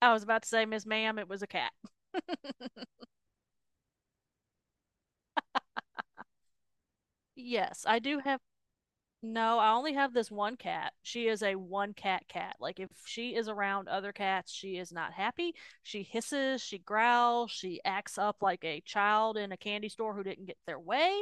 I was about to say, Miss Ma'am, it was a cat. Yes, I do have. No, I only have this one cat. She is a one cat cat. Like, if she is around other cats, she is not happy. She hisses, she growls, she acts up like a child in a candy store who didn't get their way.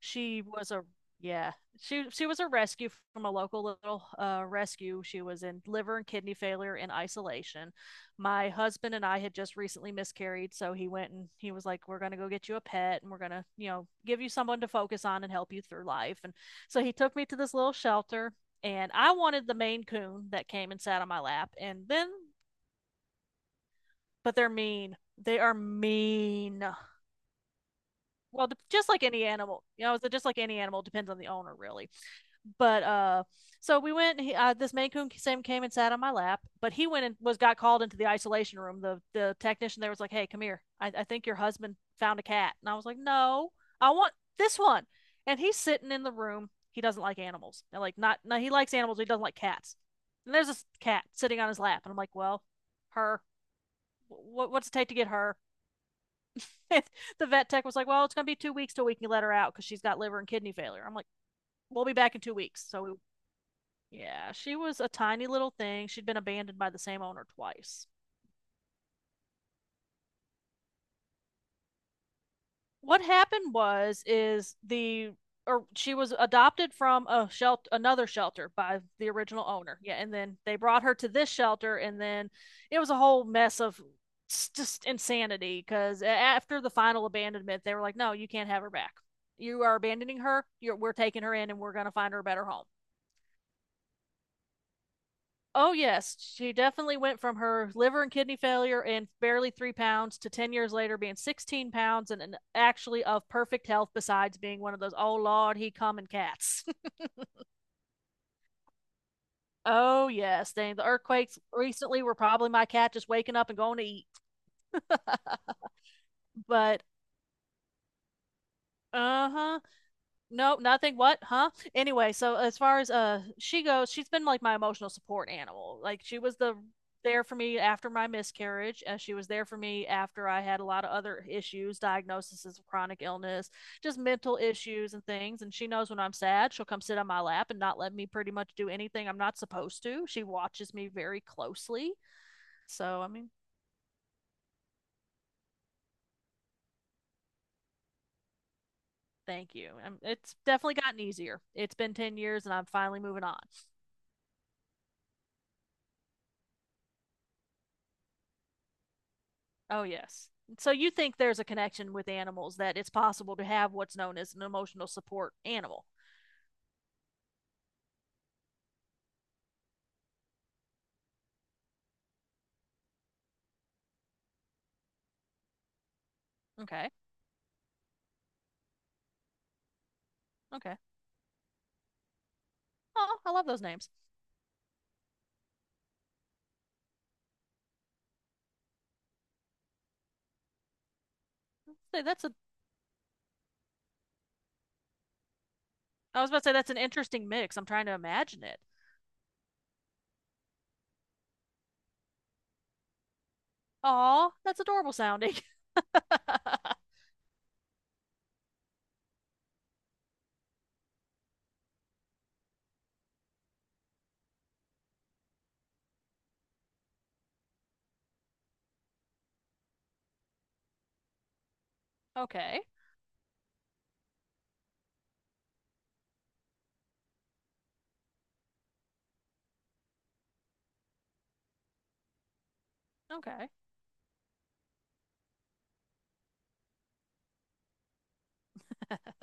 She was a Yeah. She was a rescue from a local little rescue. She was in liver and kidney failure in isolation. My husband and I had just recently miscarried, so he went and he was like, "We're gonna go get you a pet, and we're gonna give you someone to focus on and help you through life." And so he took me to this little shelter, and I wanted the Maine Coon that came and sat on my lap, and then but they're mean. They are mean. Well, just like any animal, it's just like any animal depends on the owner, really. But So we went, this Maine Coon same came and sat on my lap, but he went and was got called into the isolation room. The technician there was like, "Hey, come here. I think your husband found a cat." And I was like, "No, I want this one." And he's sitting in the room, he doesn't like animals, and, like, not, no, he likes animals, but he doesn't like cats. And there's this cat sitting on his lap, and I'm like, "Well, her, what's it take to get her?" And the vet tech was like, "Well, it's going to be 2 weeks till we can let her out because she's got liver and kidney failure." I'm like, "We'll be back in 2 weeks." so we Yeah, she was a tiny little thing. She'd been abandoned by the same owner twice. What happened was is the, or she was adopted from a shelter, another shelter, by the original owner. Yeah, and then they brought her to this shelter, and then it was a whole mess of just insanity, because after the final abandonment they were like, "No, you can't have her back. You are abandoning her. We're taking her in and we're going to find her a better home." Oh, yes. She definitely went from her liver and kidney failure and barely 3 pounds to 10 years later being 16 pounds and, actually of perfect health, besides being one of those, oh, Lord, he coming cats. Oh, yes. Dang, the earthquakes recently were probably my cat just waking up and going to eat. But, uh huh. No, nothing. What? Huh? Anyway, so as far as she goes, she's been like my emotional support animal. Like she was there for me after my miscarriage, as she was there for me after I had a lot of other issues, diagnoses of chronic illness, just mental issues and things. And she knows when I'm sad, she'll come sit on my lap and not let me pretty much do anything I'm not supposed to. She watches me very closely. So I mean, thank you. I'm. It's definitely gotten easier. It's been 10 years and I'm finally moving on. Oh, yes. So you think there's a connection with animals that it's possible to have what's known as an emotional support animal. Okay. Okay. Oh, I love those names. Say That's a I was about to say that's an interesting mix. I'm trying to imagine it. Aw, that's adorable sounding. Okay. Okay.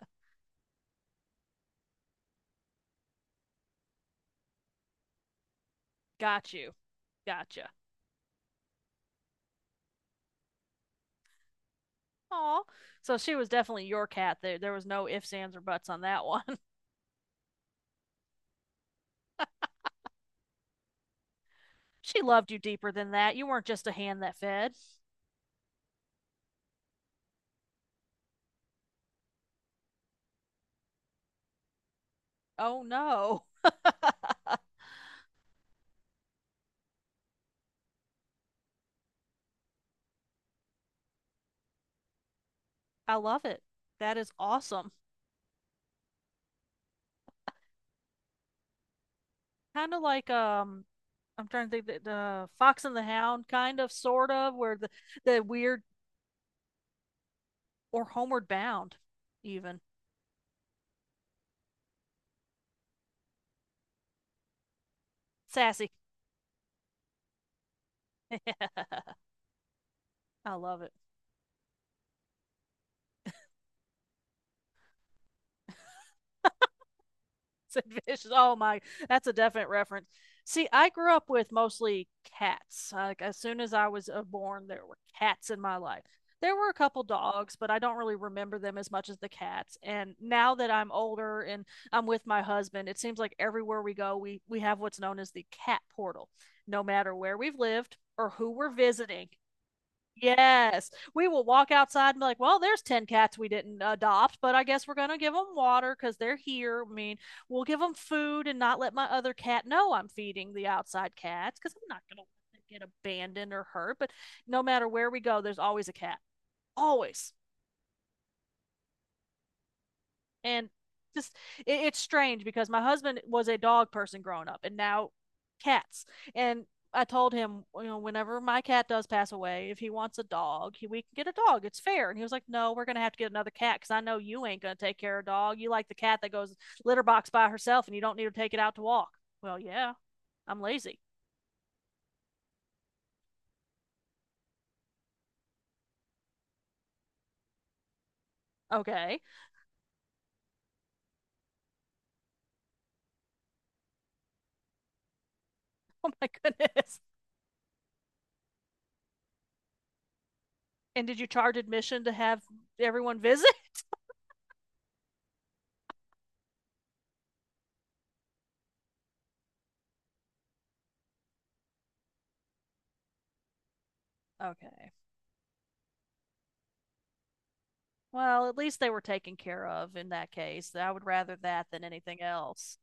Got you. Gotcha. Aw. So she was definitely your cat. There was no ifs, ands, or buts on that one. She loved you deeper than that. You weren't just a hand that fed. Oh no. I love it. That is awesome. Kind of like, I'm trying to think that the Fox and the Hound, kind of, sort of, where the weird, or Homeward Bound, even. Sassy. I love it. And fishes. Oh my, that's a definite reference. See, I grew up with mostly cats. Like as soon as I was born, there were cats in my life. There were a couple dogs, but I don't really remember them as much as the cats. And now that I'm older and I'm with my husband, it seems like everywhere we go, we have what's known as the cat portal. No matter where we've lived or who we're visiting, yes, we will walk outside and be like, "Well, there's ten cats we didn't adopt, but I guess we're gonna give them water because they're here. I mean, we'll give them food and not let my other cat know I'm feeding the outside cats because I'm not gonna let them get abandoned or hurt. But no matter where we go, there's always a cat, always." And just it's strange because my husband was a dog person growing up and now cats. And I told him, you know, whenever my cat does pass away, if he wants a dog, we can get a dog. It's fair. And he was like, "No, we're going to have to get another cat because I know you ain't going to take care of a dog. You like the cat that goes litter box by herself and you don't need to take it out to walk." Well, yeah, I'm lazy. Okay. Oh my goodness. And did you charge admission to have everyone visit? Okay. Well, at least they were taken care of in that case. I would rather that than anything else.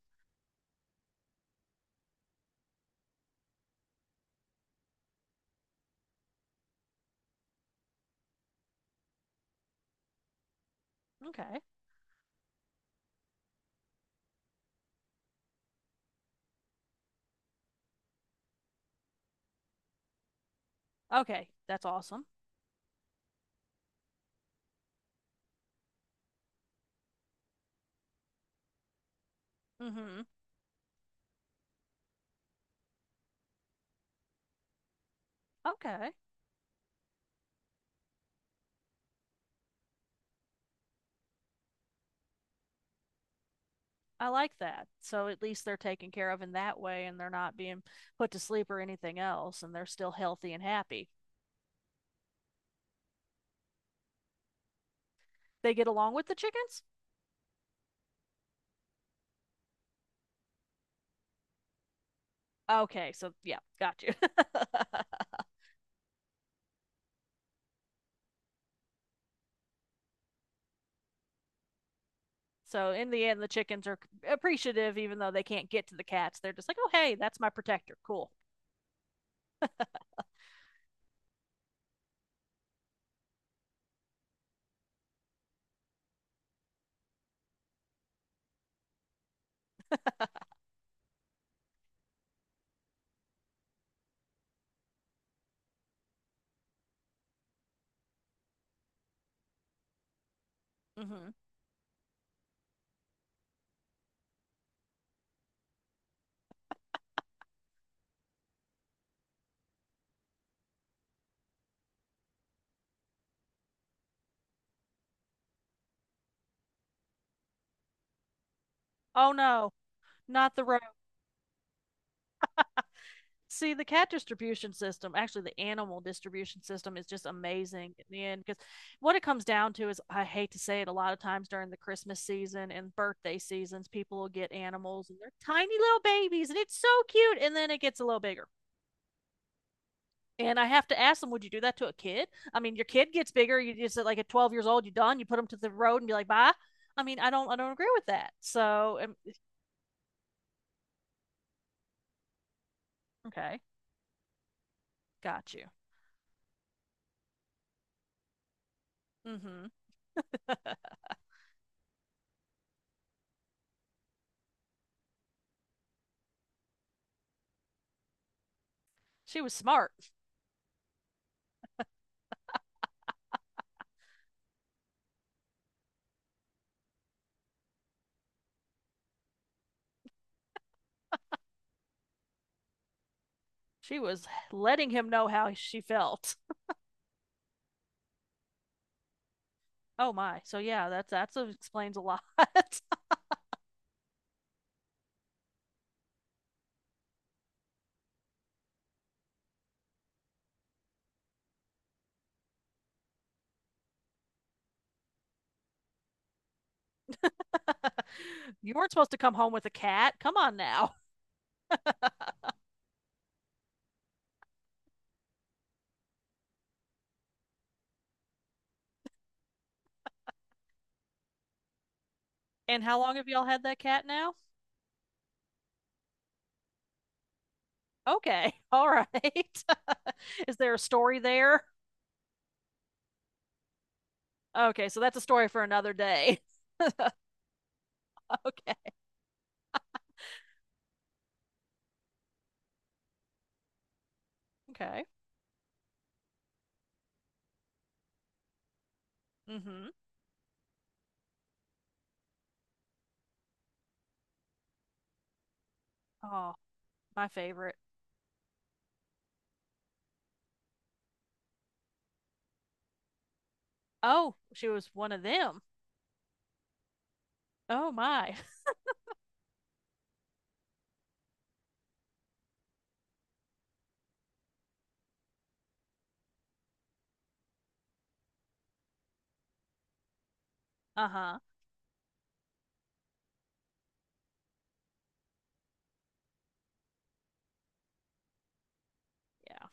Okay. Okay. That's awesome. Mm-hmm. Okay. I like that. So at least they're taken care of in that way and they're not being put to sleep or anything else, and they're still healthy and happy. They get along with the chickens? Okay. So, yeah, got you. So, in the end, the chickens are appreciative even though they can't get to the cats. They're just like, "Oh, hey, that's my protector. Cool." Mm-hmm. Oh, no, not the rodent. See, the cat distribution system, actually the animal distribution system, is just amazing. In the end, because what it comes down to is, I hate to say it, a lot of times during the Christmas season and birthday seasons people will get animals and they're tiny little babies and it's so cute, and then it gets a little bigger, and I have to ask them, would you do that to a kid? I mean, your kid gets bigger, you just like at 12 years old you are done, you put them to the road and be like, "Bye." I mean, I don't agree with that, so Okay. Got you. Mm-hmm. She was smart. She was letting him know how she felt. Oh my. So yeah, that explains a lot. You weren't supposed to come home with a cat. Come on now. And how long have y'all had that cat now? Okay. All right. Is there a story there? Okay, so that's a story for another day. Okay. Okay. Mm-hmm. Oh, my favorite. Oh, she was one of them. Oh my. Uh-huh. Yeah.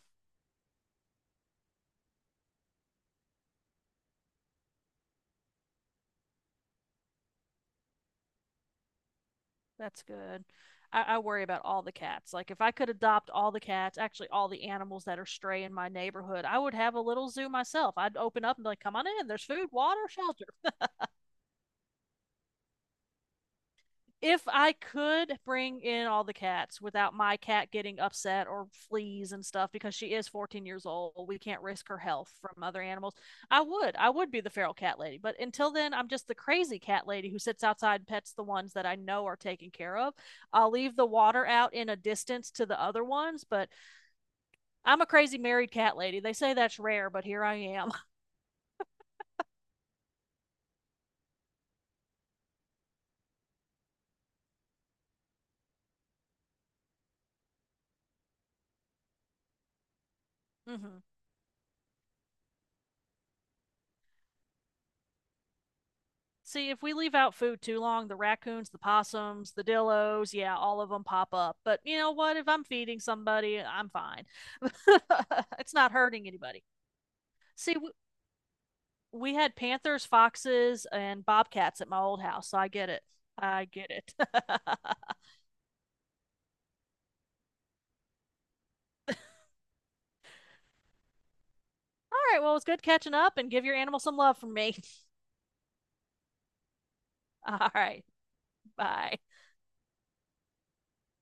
That's good. I worry about all the cats. Like if I could adopt all the cats, actually all the animals that are stray in my neighborhood, I would have a little zoo myself. I'd open up and be like, "Come on in. There's food, water, shelter." If I could bring in all the cats without my cat getting upset or fleas and stuff because she is 14 years old, we can't risk her health from other animals. I would. I would be the feral cat lady. But until then, I'm just the crazy cat lady who sits outside and pets the ones that I know are taken care of. I'll leave the water out in a distance to the other ones, but I'm a crazy married cat lady. They say that's rare, but here I am. Hmm. See, if we leave out food too long, the raccoons, the possums, the dillos, yeah, all of them pop up. But you know what? If I'm feeding somebody, I'm fine. It's not hurting anybody. See, we had panthers, foxes, and bobcats at my old house, so I get it. I get it. All right, well, it's good catching up and give your animal some love from me. All right, bye.